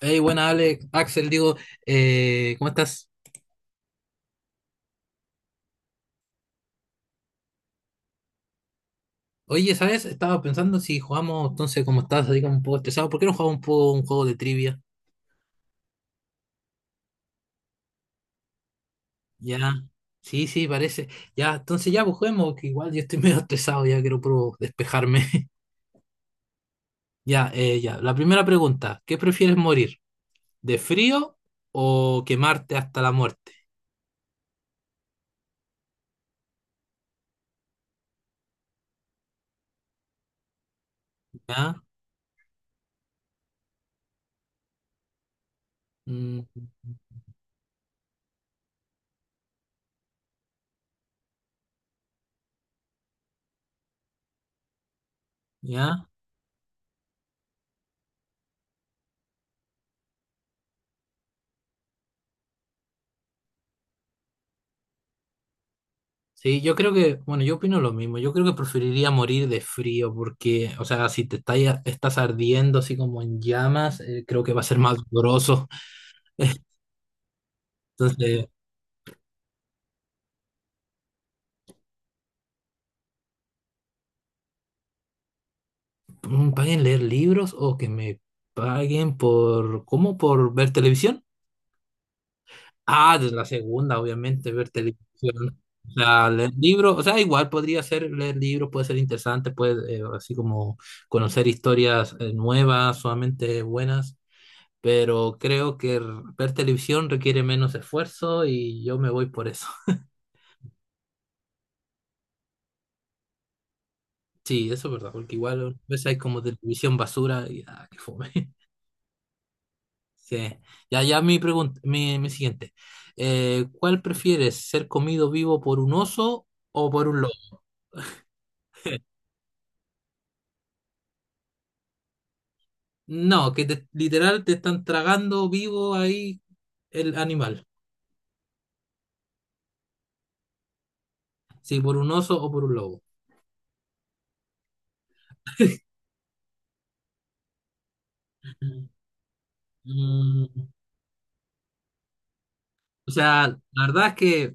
Hey, buena Alex, Axel, digo, ¿cómo estás? Oye, ¿sabes? Estaba pensando si jugamos, entonces, como estás así como un poco estresado, ¿por qué no jugamos un poco un juego de trivia? Ya, sí, sí, parece. Ya, entonces ya, pues juguemos, que igual yo estoy medio estresado, ya quiero puro despejarme. Ya, ya. La primera pregunta, ¿qué prefieres morir? ¿De frío o quemarte hasta la muerte? ¿Ya? Mm, ¿ya? Sí, yo creo que, bueno, yo opino lo mismo. Yo creo que preferiría morir de frío porque, o sea, si te está- estás ardiendo así como en llamas, creo que va a ser más doloroso. Entonces, mm, paguen leer libros o que me paguen por, ¿cómo? ¿Por ver televisión? Ah, de la segunda, obviamente, ver televisión. O sea, leer libros, o sea, igual podría ser leer libros, puede ser interesante, puede, así como conocer historias, nuevas, solamente buenas. Pero ver televisión requiere menos esfuerzo y yo me voy por eso. Sí, eso es verdad, porque igual a veces hay como televisión basura y ah, qué fome. Sí. Ya, ya mi pregunta, mi siguiente. ¿Cuál prefieres, ser comido vivo por un oso o por un lobo? No, que literal te están tragando vivo ahí el animal. Sí, por un oso o por un lobo. Mm. O sea, la verdad es que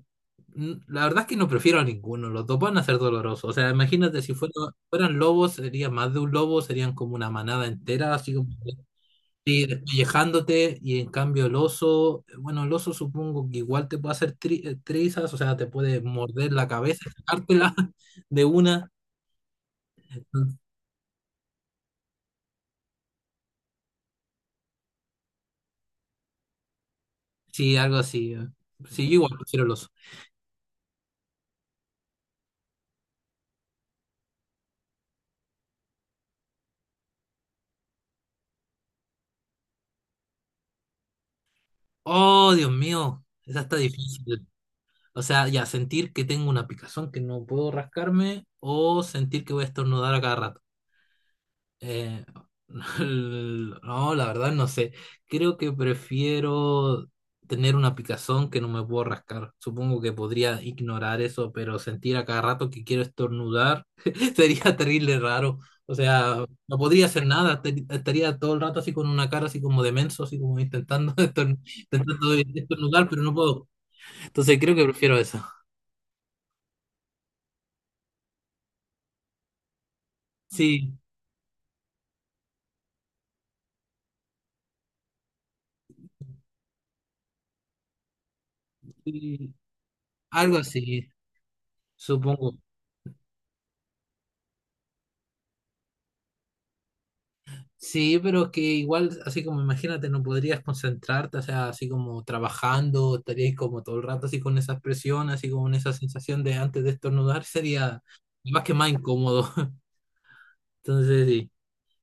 la verdad es que no prefiero a ninguno, los dos van a ser dolorosos. O sea, imagínate si fuera- fueran lobos, sería más de un lobo, serían como una manada entera, así como sí, despellejándote, y en cambio el oso, bueno, el oso supongo que igual te puede hacer trizas, o sea, te puede morder la cabeza, y sacártela de una. Sí, algo así. Eh. Sí, yo igual prefiero el oso. Oh, Dios mío, esa está difícil. O sea, ya sentir que tengo una picazón que no puedo rascarme o sentir que voy a estornudar a cada rato. Eh, no, la verdad no sé. Creo que prefiero tener una picazón que no me puedo rascar. Supongo que podría ignorar eso, pero sentir a cada rato que quiero estornudar sería terrible raro. O sea, no podría hacer nada. Estaría todo el rato así con una cara así como de menso, así como intentando intentando estornudar, pero no puedo. Entonces creo que prefiero eso. Sí. Y algo así, supongo. Sí, pero es que igual, así como imagínate, no podrías concentrarte, o sea, así como trabajando, estarías como todo el rato así con esa presión, así como en esa sensación de antes de estornudar, sería más que más incómodo. Entonces, sí.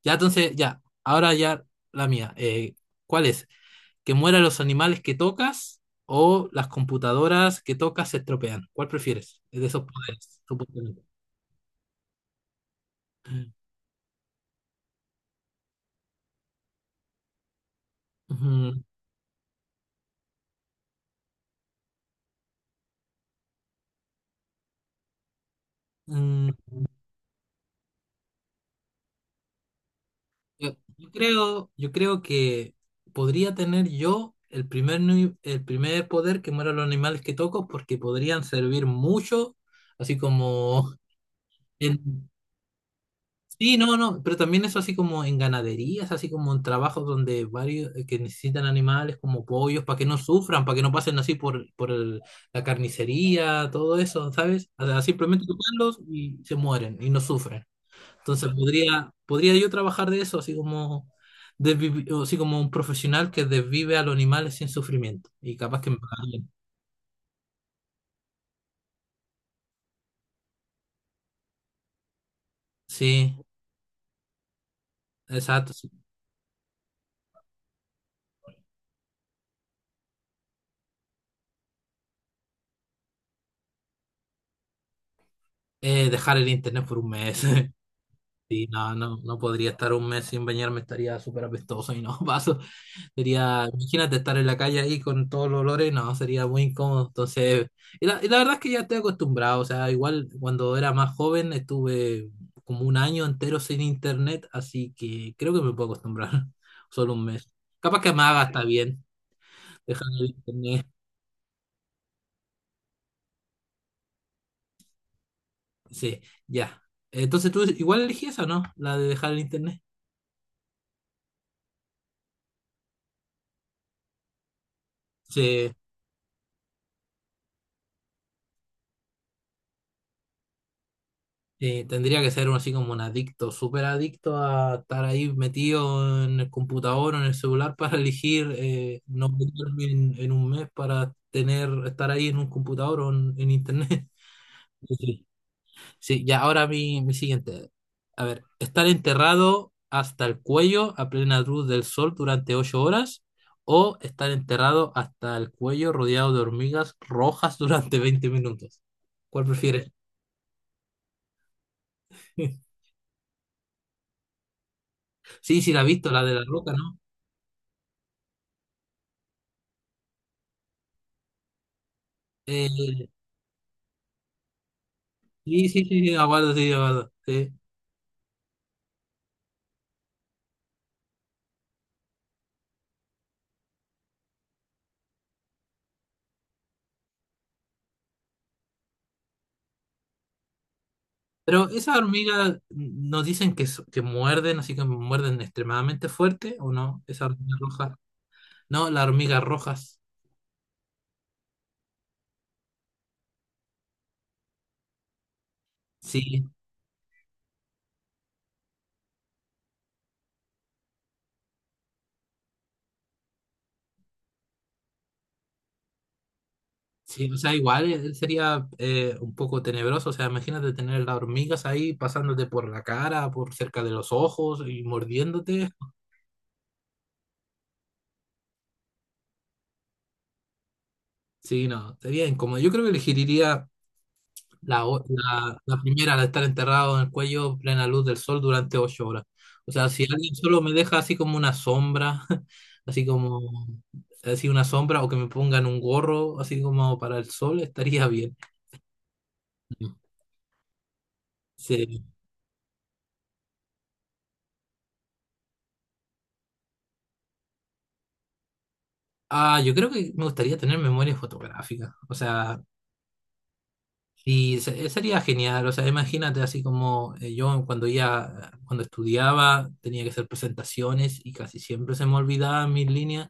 Ya, entonces, ya, ahora ya la mía. ¿Cuál es? ¿Que mueran los animales que tocas o las computadoras que tocas se estropean? ¿Cuál prefieres? De esos poderes, supuestamente. Ujú. Mm. Yo creo que podría tener yo el primer, ni- el primer poder que mueran los animales que toco porque podrían servir mucho, así como en... Sí, no, no, pero también eso así como en ganaderías, así como en trabajos donde varios que necesitan animales como pollos para que no sufran, para que no pasen así por, la carnicería, todo eso, ¿sabes? O sea, simplemente tocarlos y se mueren y no sufren. Entonces podría, podría yo trabajar de eso, así como, o así como un profesional que desvive a los animales sin sufrimiento. Y capaz que me pagarían. Sí, exacto. Sí. Dejar el internet por un mes. Sí, no, no, no podría estar un mes sin bañarme, estaría súper apestoso y no paso. Sería, imagínate estar en la calle ahí con todos los olores, no, sería muy incómodo. Entonces, y la verdad es que ya estoy acostumbrado, o sea, igual cuando era más joven estuve como un año entero sin internet, así que creo que me puedo acostumbrar, solo un mes. Capaz que me haga está bien, dejar el internet. Sí, ya. Entonces tú igual elegí esa, ¿no? La de dejar el internet. Sí. Sí, tendría que ser uno así como un adicto, súper adicto a estar ahí metido en el computador o en el celular para elegir no meterme en un mes para tener, estar ahí en un computador o en internet. Sí, sí, ya ahora mi siguiente. A ver, estar enterrado hasta el cuello a plena luz del sol durante 8 horas o estar enterrado hasta el cuello rodeado de hormigas rojas durante 20 minutos. ¿Cuál prefieres? Sí, sí, la he visto, la de la roca, ¿no? Eh, sí, sí, sí, sí, aguardo, sí, aguardo, sí. Pero esas hormigas mm, nos dicen que muerden, así que muerden extremadamente fuerte, ¿o no? Esa hormiga roja. No, las hormigas rojas. Sí, sí, o sea, igual sería un poco tenebroso. O sea, imagínate tener las hormigas ahí pasándote por la cara, por cerca de los ojos y mordiéndote. Sí, no, sería incómodo. Yo creo que elegiría la primera, la de estar enterrado en el cuello, plena luz del sol durante ocho horas. O sea, si alguien solo me deja así como una sombra, así como, así una sombra, o que me pongan un gorro, así como para el sol, estaría bien. Sí. Ah, yo creo que me gustaría tener memoria fotográfica. O sea, sería genial. O sea, imagínate así como yo cuando ya, cuando estudiaba, tenía que hacer presentaciones y casi siempre se me olvidaban mis líneas.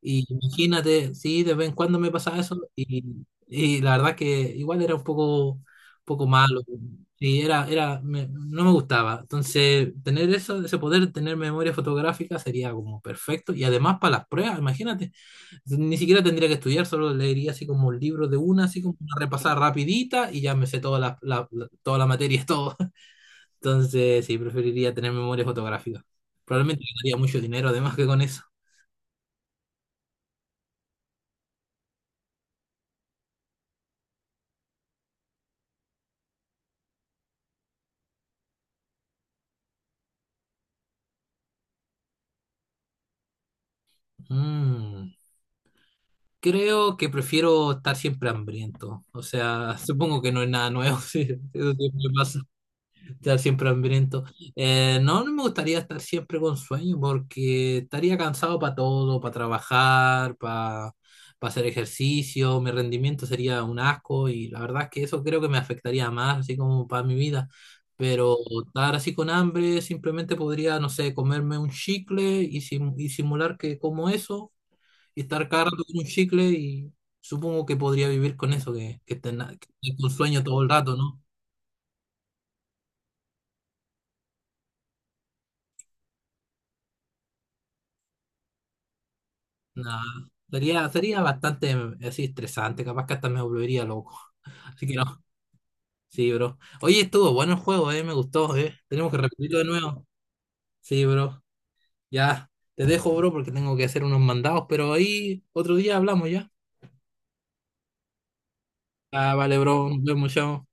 Y imagínate, sí, de vez en cuando me pasaba eso y la verdad que igual era un poco, poco malo. Sí, era, era, no me gustaba. Entonces, tener eso, ese poder, tener memoria fotográfica sería como perfecto. Y además para las pruebas, imagínate, ni siquiera tendría que estudiar, solo leería así como un libro de una, así como una repasada rapidita y ya me sé toda toda la materia, todo. Entonces, sí, preferiría tener memoria fotográfica. Probablemente ganaría mucho dinero además que con eso. Mm. Creo que prefiero estar siempre hambriento. O sea, supongo que no es nada nuevo, sí, eso siempre pasa, estar siempre hambriento. No, no me gustaría estar siempre con sueño porque estaría cansado para todo, para trabajar, para hacer ejercicio, mi rendimiento sería un asco y la verdad es que eso creo que me afectaría más, así como para mi vida. Pero estar así con hambre, simplemente podría, no sé, comerme un chicle y simular que como eso y estar cada rato con un chicle y supongo que podría vivir con eso, que estar que estar con sueño todo el rato, ¿no? Nada. Sería, sería bastante mm, así estresante, capaz que hasta me volvería loco. Así que no, sí, bro. Oye, estuvo bueno el juego, me gustó, eh. Tenemos que repetirlo de nuevo. Sí, bro. Ya, te dejo, bro, porque tengo que hacer unos mandados, pero ahí otro día hablamos ya. Ah, vale, bro, nos vemos, chao.